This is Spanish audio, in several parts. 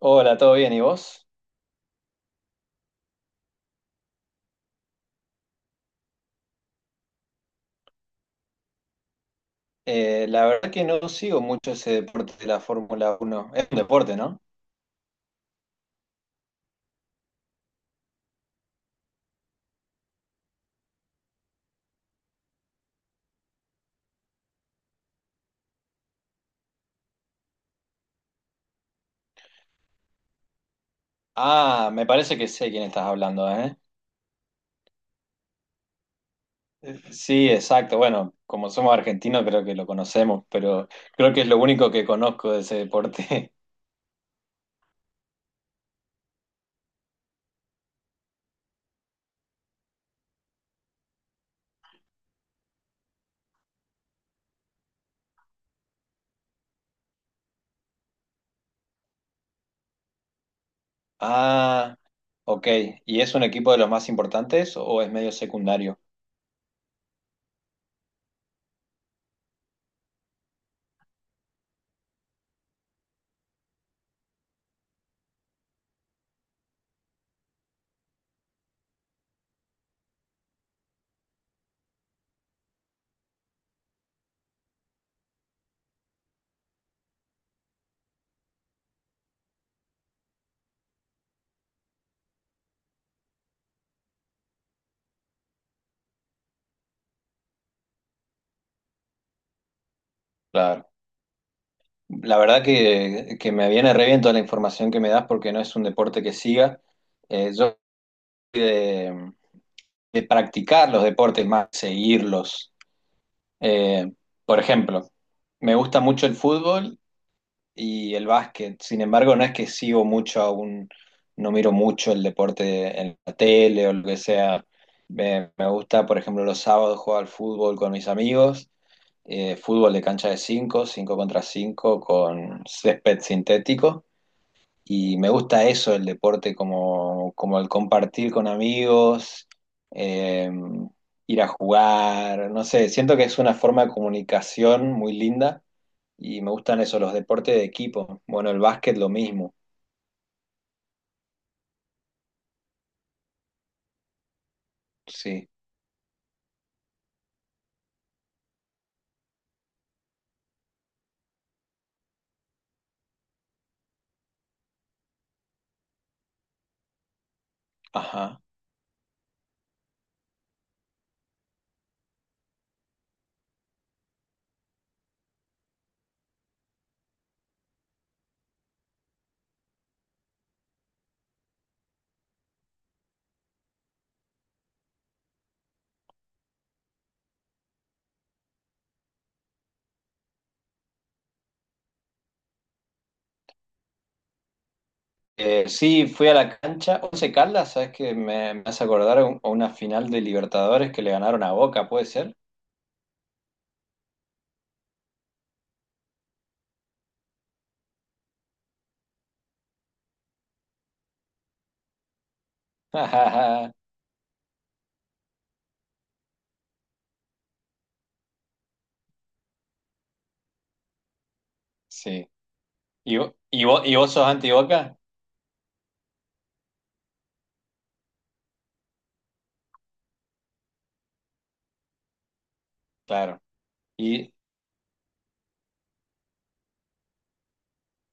Hola, ¿todo bien? ¿Y vos? La verdad que no sigo mucho ese deporte de la Fórmula Uno. Es un deporte, ¿no? Ah, me parece que sé quién estás hablando, ¿eh? Sí, exacto. Bueno, como somos argentinos creo que lo conocemos, pero creo que es lo único que conozco de ese deporte. Ah, ok. ¿Y es un equipo de los más importantes o es medio secundario? Claro. La verdad que me viene re bien toda la información que me das porque no es un deporte que siga. Yo soy de, practicar los deportes más que seguirlos. Eh, por ejemplo, me gusta mucho el fútbol y el básquet. Sin embargo, no es que sigo mucho aún, no miro mucho el deporte en la tele o lo que sea. Me gusta, por ejemplo, los sábados jugar al fútbol con mis amigos, fútbol de cancha de 5, 5 contra 5 con césped sintético. Y me gusta eso, el deporte, como el compartir con amigos, eh, ir a jugar, no sé, siento que es una forma de comunicación muy linda y me gustan eso, los deportes de equipo. Bueno, el básquet lo mismo, sí, ajá. Sí, fui a la cancha, Once Caldas, ¿sabes que me hace acordar a una final de Libertadores que le ganaron a Boca, ¿puede ser? Sí. ¿Y, vos sos anti-Boca? Claro. Y,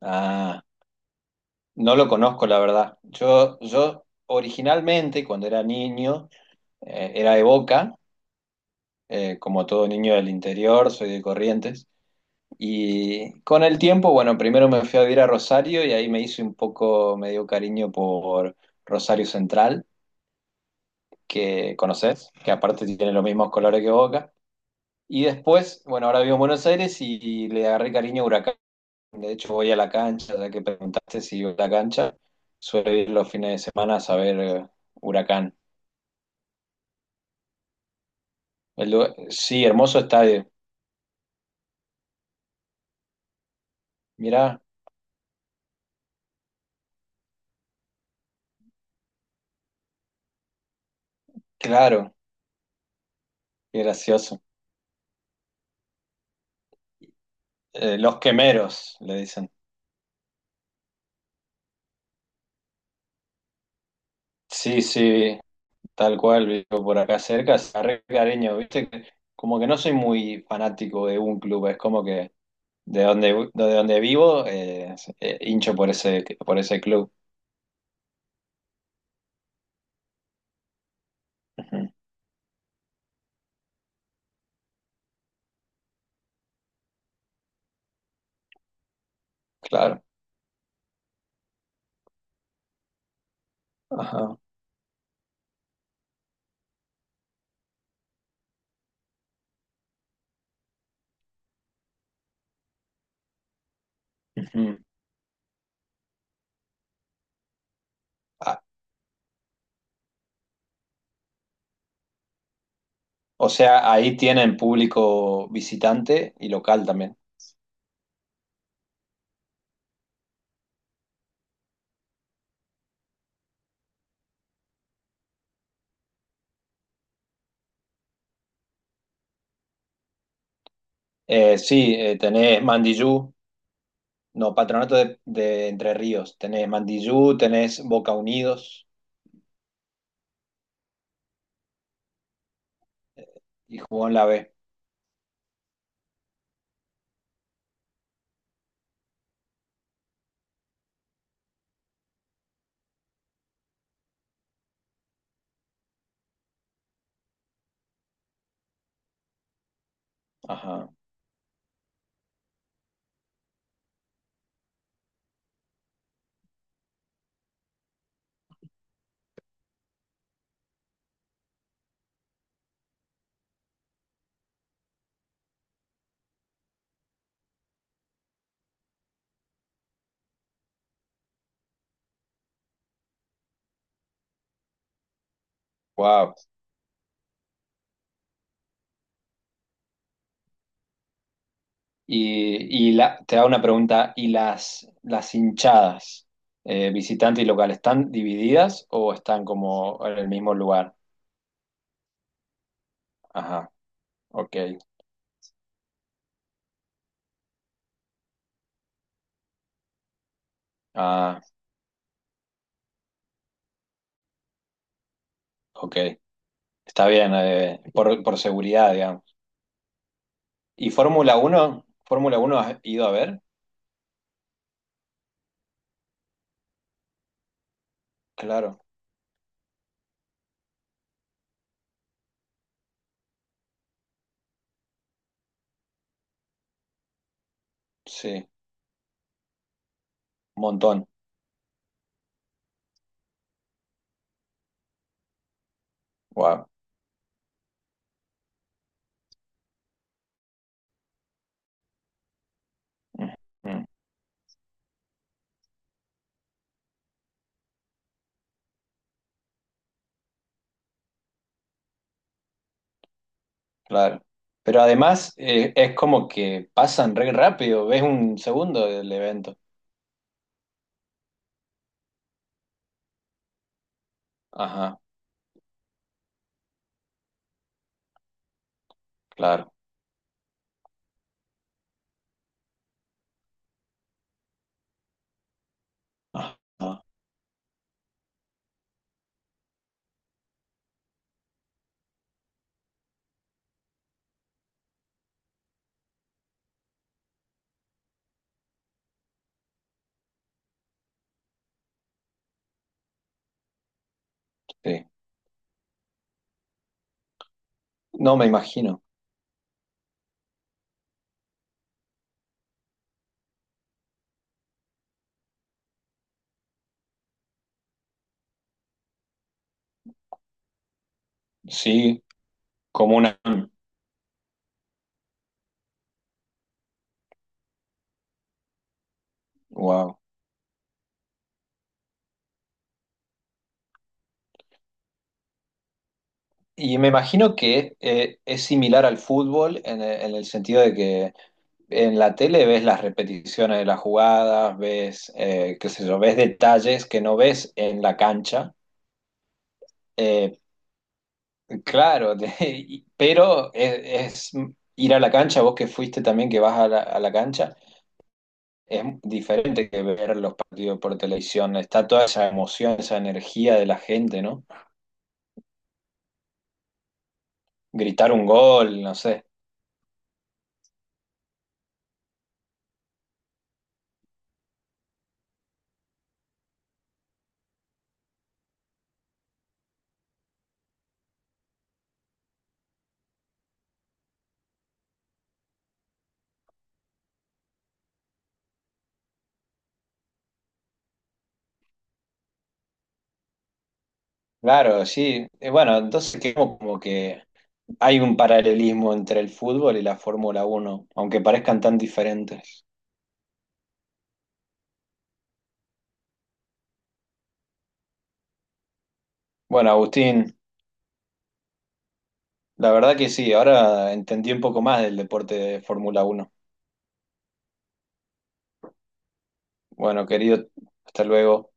ah. No lo conozco, la verdad. Yo originalmente, cuando era niño, era de Boca, como todo niño del interior, soy de Corrientes. Y con el tiempo, bueno, primero me fui a vivir a Rosario y ahí me hice un poco, me dio cariño por Rosario Central, que conoces, que aparte tiene los mismos colores que Boca. Y después, bueno, ahora vivo en Buenos Aires y, le agarré cariño a Huracán. De hecho, voy a la cancha, ya que preguntaste si voy a la cancha, suelo ir los fines de semana a saber Huracán. Sí, hermoso estadio. Mirá, claro, qué gracioso. Los quemeros, le dicen. Sí, sí, tal cual, vivo por acá cerca, se agarré cariño, viste, que como que no soy muy fanático de un club, es como que de donde, vivo, hincho por ese, club. Ujú. Claro. Ajá. Ujú. O sea, ahí tienen público visitante y local también. Sí, tenés Mandiyú, no, Patronato de, Entre Ríos. Tenés Mandiyú, tenés Boca Unidos eh, y jugó en la B. Ajá, wow. Y la, te hago una pregunta, ¿y las, hinchadas, visitante y local, están divididas o están como en el mismo lugar? Ajá, ok. Ah, ok. Está bien, por, seguridad, digamos. ¿Y Fórmula uno? ¿Fórmula uno has ido a ver? Claro, sí, un montón. Wow. Claro. Pero además es como que pasan re rápido, ves un segundo del evento. Ajá, claro. Ajá, sí. No me imagino. Sí, como una... Wow. Y me imagino que es similar al fútbol en el sentido de que en la tele ves las repeticiones de las jugadas, ves, qué sé yo, ves detalles que no ves en la cancha. Eh, claro, pero es ir a la cancha, vos que fuiste también, que vas a la, cancha, es diferente que ver los partidos por televisión. Está toda esa emoción, esa energía de la gente, ¿no? Gritar un gol, no sé. Claro, sí. Bueno, entonces creo como que hay un paralelismo entre el fútbol y la Fórmula Uno, aunque parezcan tan diferentes. Bueno, Agustín, la verdad que sí, ahora entendí un poco más del deporte de Fórmula Uno. Bueno, querido, hasta luego.